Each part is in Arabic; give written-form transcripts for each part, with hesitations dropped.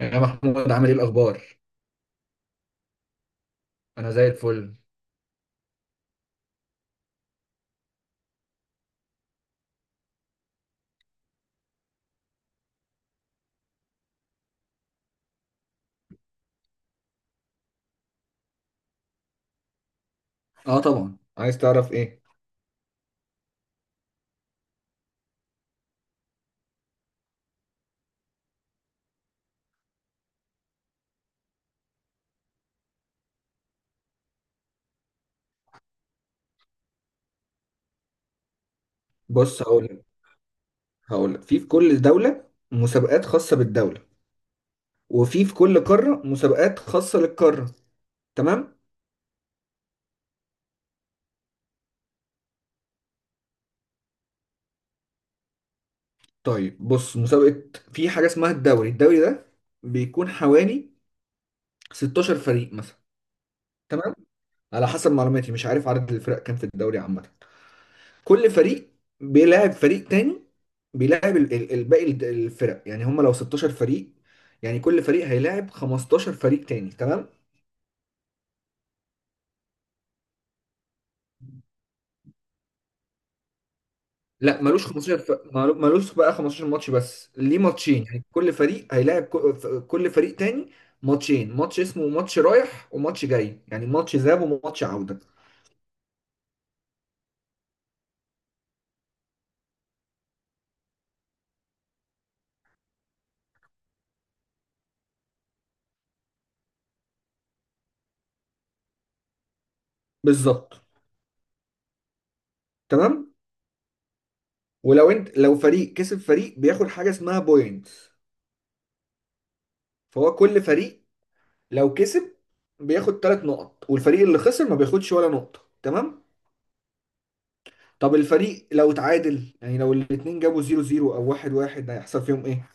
يا محمود عامل ايه الاخبار؟ انا زي الفل. اه طبعا، عايز تعرف ايه؟ بص، هقول لك. في كل دوله مسابقات خاصه بالدوله، وفي كل قاره مسابقات خاصه للقاره، تمام؟ طيب بص، مسابقه، في حاجه اسمها الدوري. الدوري ده بيكون حوالي 16 فريق مثلا، تمام. على حسب معلوماتي، مش عارف عدد الفرق كام في الدوري عامه. كل فريق بيلاعب فريق تاني، بيلاعب الفرق، يعني هم لو 16 فريق يعني كل فريق هيلاعب 15 فريق تاني، تمام. لا، ملوش 15 ملوش بقى 15 ماتش، بس ليه ماتشين. يعني كل فريق هيلاعب كل فريق تاني ماتشين. ماتش اسمه ماتش رايح وماتش جاي، يعني ماتش ذهاب وماتش عودة. بالظبط، تمام. ولو انت، لو فريق كسب فريق، بياخد حاجة اسمها بوينت، فهو كل فريق لو كسب بياخد ثلاث نقط، والفريق اللي خسر ما بياخدش ولا نقطة، تمام. طب الفريق لو اتعادل، يعني لو الاتنين جابوا زيرو زيرو او واحد واحد، هيحصل فيهم ايه؟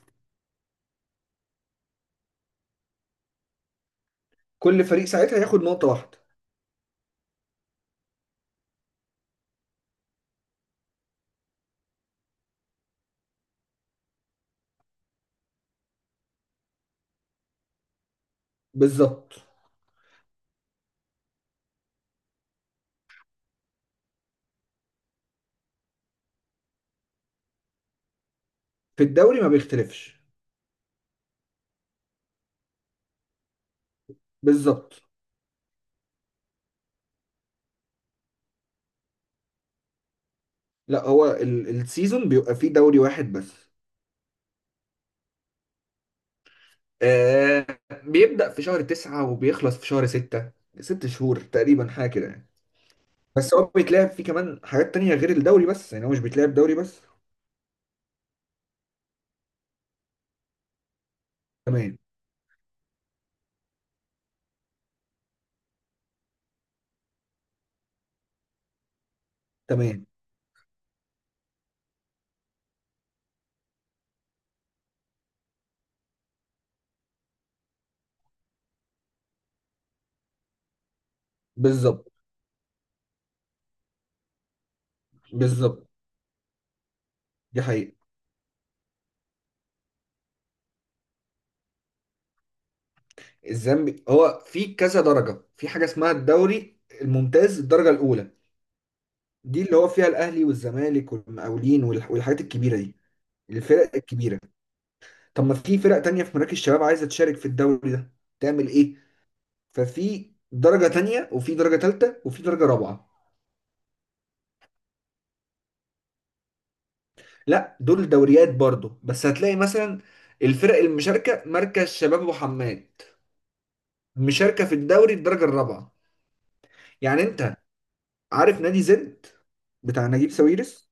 كل فريق ساعتها هياخد نقطة واحدة. بالظبط. في الدوري ما بيختلفش. بالظبط. لا، هو السيزون بيبقى فيه دوري واحد بس. آه، بيبدأ في شهر تسعة وبيخلص في شهر ستة، ست شهور تقريبا حاجة كده يعني. بس هو بيتلعب فيه كمان حاجات تانية غير الدوري بس، يعني هو مش بيتلعب دوري بس. تمام، تمام. بالظبط. بالظبط، دي حقيقة. الذنب هو في كذا درجة. في حاجة اسمها الدوري الممتاز، الدرجة الأولى، دي اللي هو فيها الأهلي والزمالك والمقاولين والحاجات الكبيرة دي، الفرق الكبيرة. طب ما في فرق تانية في مراكز الشباب عايزة تشارك في الدوري ده، تعمل إيه؟ ففي درجة تانية وفي درجة تالتة وفي درجة رابعة. لا، دول دوريات برضه، بس هتلاقي مثلا الفرق المشاركة مركز شباب وحماد مشاركة في الدوري الدرجة الرابعة. يعني انت عارف نادي زد بتاع نجيب ساويرس؟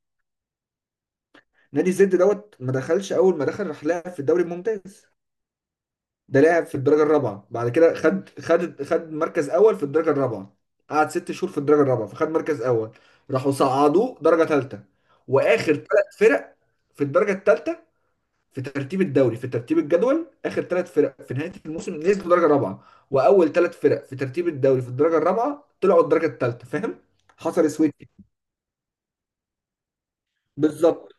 نادي زد دوت ما دخلش اول ما دخل راح لعب في الدوري الممتاز، ده لعب في الدرجه الرابعه. بعد كده خد مركز اول في الدرجه الرابعه، قعد ست شهور في الدرجه الرابعه فخد مركز اول، راحوا صعدوه درجه ثالثه. واخر ثلاث فرق في الدرجه الثالثه في ترتيب الدوري، في ترتيب الجدول، اخر ثلاث فرق في نهايه الموسم نزلوا درجه رابعه، واول ثلاث فرق في ترتيب الدوري في الدرجه الرابعه طلعوا الدرجه الثالثه، فاهم؟ حصل سويتش. بالظبط.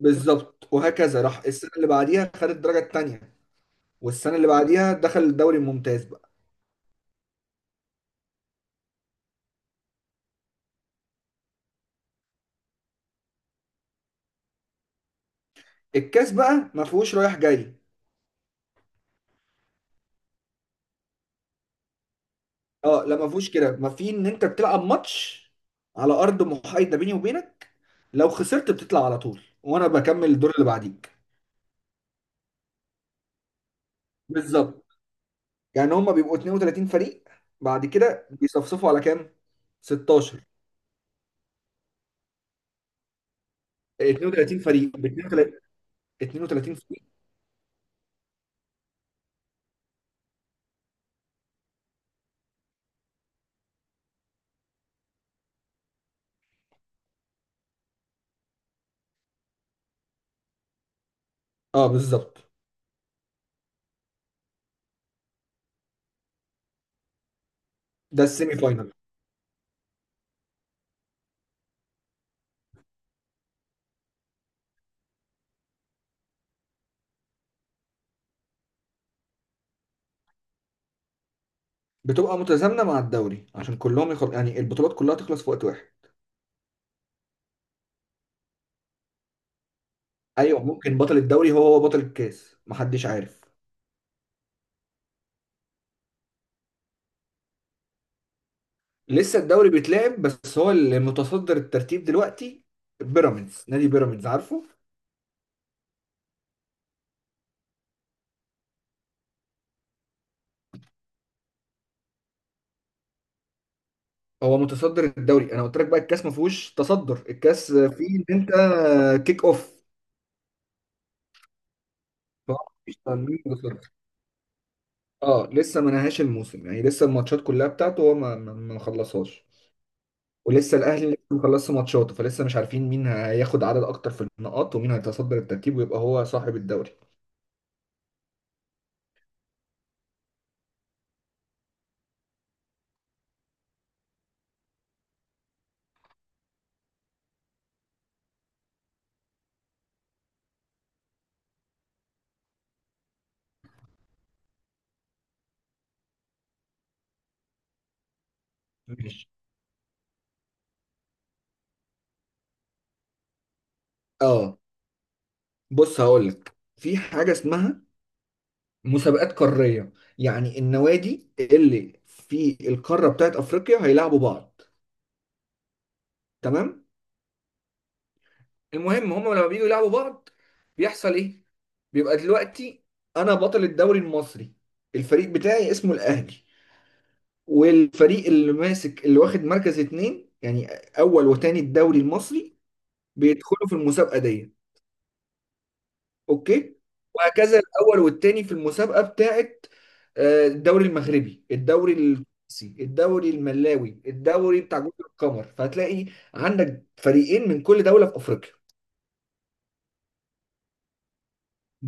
بالظبط، وهكذا. راح السنه اللي بعديها خد الدرجه الثانيه، والسنه اللي بعديها دخل الدوري الممتاز بقى. الكاس بقى ما فيهوش رايح جاي. اه لا، ما فيهوش كده، ما في ان انت بتلعب ماتش على ارض محايده بيني وبينك. لو خسرت بتطلع على طول وانا بكمل الدور اللي بعديك. بالظبط. يعني هما بيبقوا 32 فريق، بعد كده بيصفصفوا على كام؟ 16. 32 فريق ب 32، 32 فريق. اه بالظبط. ده السيمي فاينل. بتبقى متزامنه مع الدوري عشان كلهم يعني البطولات كلها تخلص في وقت واحد. ايوه ممكن، بطل الدوري هو هو بطل الكاس، محدش عارف. لسه الدوري بيتلعب، بس هو المتصدر الترتيب دلوقتي بيراميدز، نادي بيراميدز، عارفه؟ هو متصدر الدوري، انا قلت لك بقى الكاس ما فيهوش تصدر، الكاس فيه ان انت كيك اوف. فهو مفيش تنظيم متصدر. اه لسه ما نهاش الموسم، يعني لسه الماتشات كلها بتاعته هو ما خلصهاش، ولسه الاهلي لسه مخلصش ماتشاته، فلسه مش عارفين مين هياخد عدد اكتر في النقاط ومين هيتصدر الترتيب ويبقى هو صاحب الدوري. ماشي. اه، بص هقول لك، في حاجه اسمها مسابقات قاريه، يعني النوادي اللي في القاره بتاعت افريقيا هيلاعبوا بعض، تمام. المهم هم لما بييجوا يلعبوا بعض بيحصل ايه؟ بيبقى دلوقتي انا بطل الدوري المصري، الفريق بتاعي اسمه الاهلي، والفريق اللي ماسك، اللي واخد مركز اتنين، يعني اول وتاني الدوري المصري، بيدخلوا في المسابقه دي، اوكي؟ وهكذا، الاول والتاني في المسابقه بتاعت الدوري المغربي، الدوري التونسي، الدوري الملاوي، الدوري بتاع جزر القمر، فهتلاقي عندك فريقين من كل دوله في افريقيا.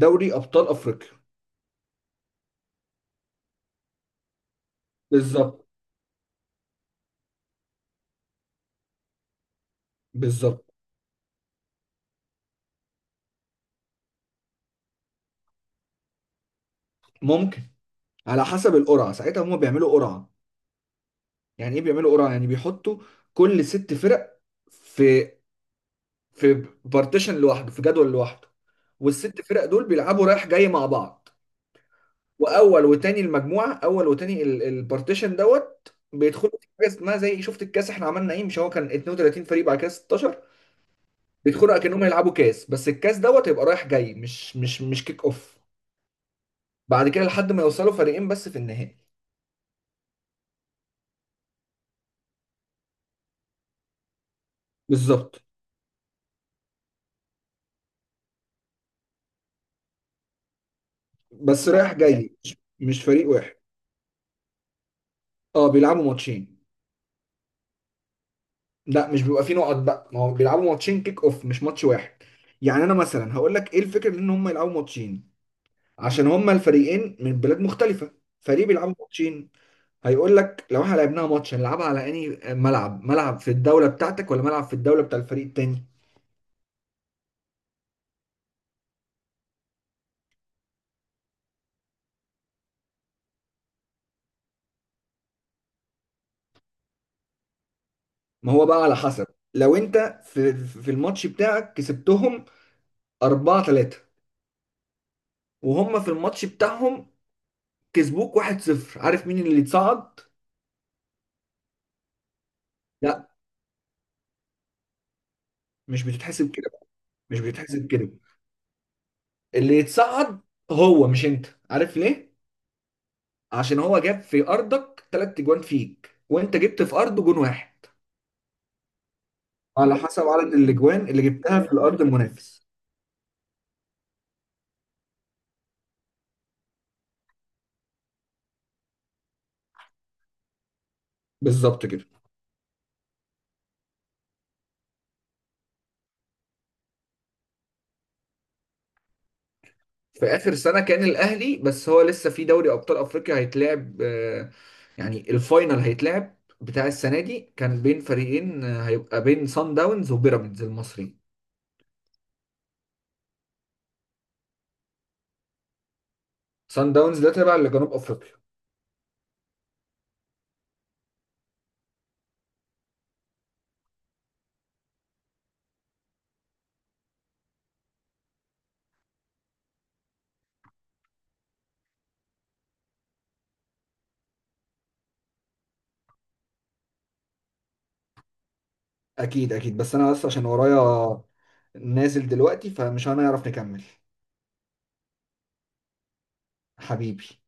دوري ابطال افريقيا. بالظبط. بالظبط. ممكن، على حسب القرعه. ساعتها هم بيعملوا قرعه. يعني ايه بيعملوا قرعه؟ يعني بيحطوا كل ست فرق في بارتيشن لوحده، في جدول لوحده، والست فرق دول بيلعبوا رايح جاي مع بعض، واول وتاني المجموعه، اول وتاني البارتيشن دوت بيدخلوا في حاجه اسمها زي، شفت الكاس احنا عملنا ايه؟ مش هو كان 32 فريق بعد كده 16؟ بيدخلوا اكنهم هيلعبوا كاس، بس الكاس دوت هيبقى رايح جاي، مش كيك اوف. بعد كده لحد ما يوصلوا فريقين بس في النهائي. بالظبط، بس رايح جاي، مش فريق واحد. اه، بيلعبوا ماتشين. لا، مش بيبقى فيه نقط بقى، ما هو بيلعبوا ماتشين كيك اوف، مش ماتش واحد. يعني انا مثلا هقول لك ايه الفكره من ان هم يلعبوا ماتشين. عشان هم الفريقين من بلاد مختلفه، فريق بيلعبوا ماتشين، هيقول لك لو احنا لعبناها ماتش هنلعبها على انهي ملعب؟ ملعب في الدوله بتاعتك ولا ملعب في الدوله بتاع الفريق التاني؟ ما هو بقى على حسب، لو انت في الماتش بتاعك كسبتهم 4-3، وهم في الماتش بتاعهم كسبوك 1-0، عارف مين اللي اتصعد؟ لا، مش بتتحسب كده بقى، مش بتتحسب كده. اللي يتصعد هو، مش انت، عارف ليه؟ عشان هو جاب في ارضك ثلاث اجوان فيك، وانت جبت في ارضه جون واحد. على حسب عدد الاجوان اللي جبتها في الارض المنافس. بالظبط كده. في اخر سنه كان الاهلي، بس هو لسه في دوري ابطال افريقيا هيتلعب. آه، يعني الفاينل هيتلعب بتاع السنه دي كان بين فريقين، آه، هيبقى بين سان داونز وبيراميدز المصري. سان داونز ده تابع لجنوب افريقيا. اكيد، اكيد، بس انا بس عشان ورايا، نازل دلوقتي فمش هنعرف نكمل. حبيبي.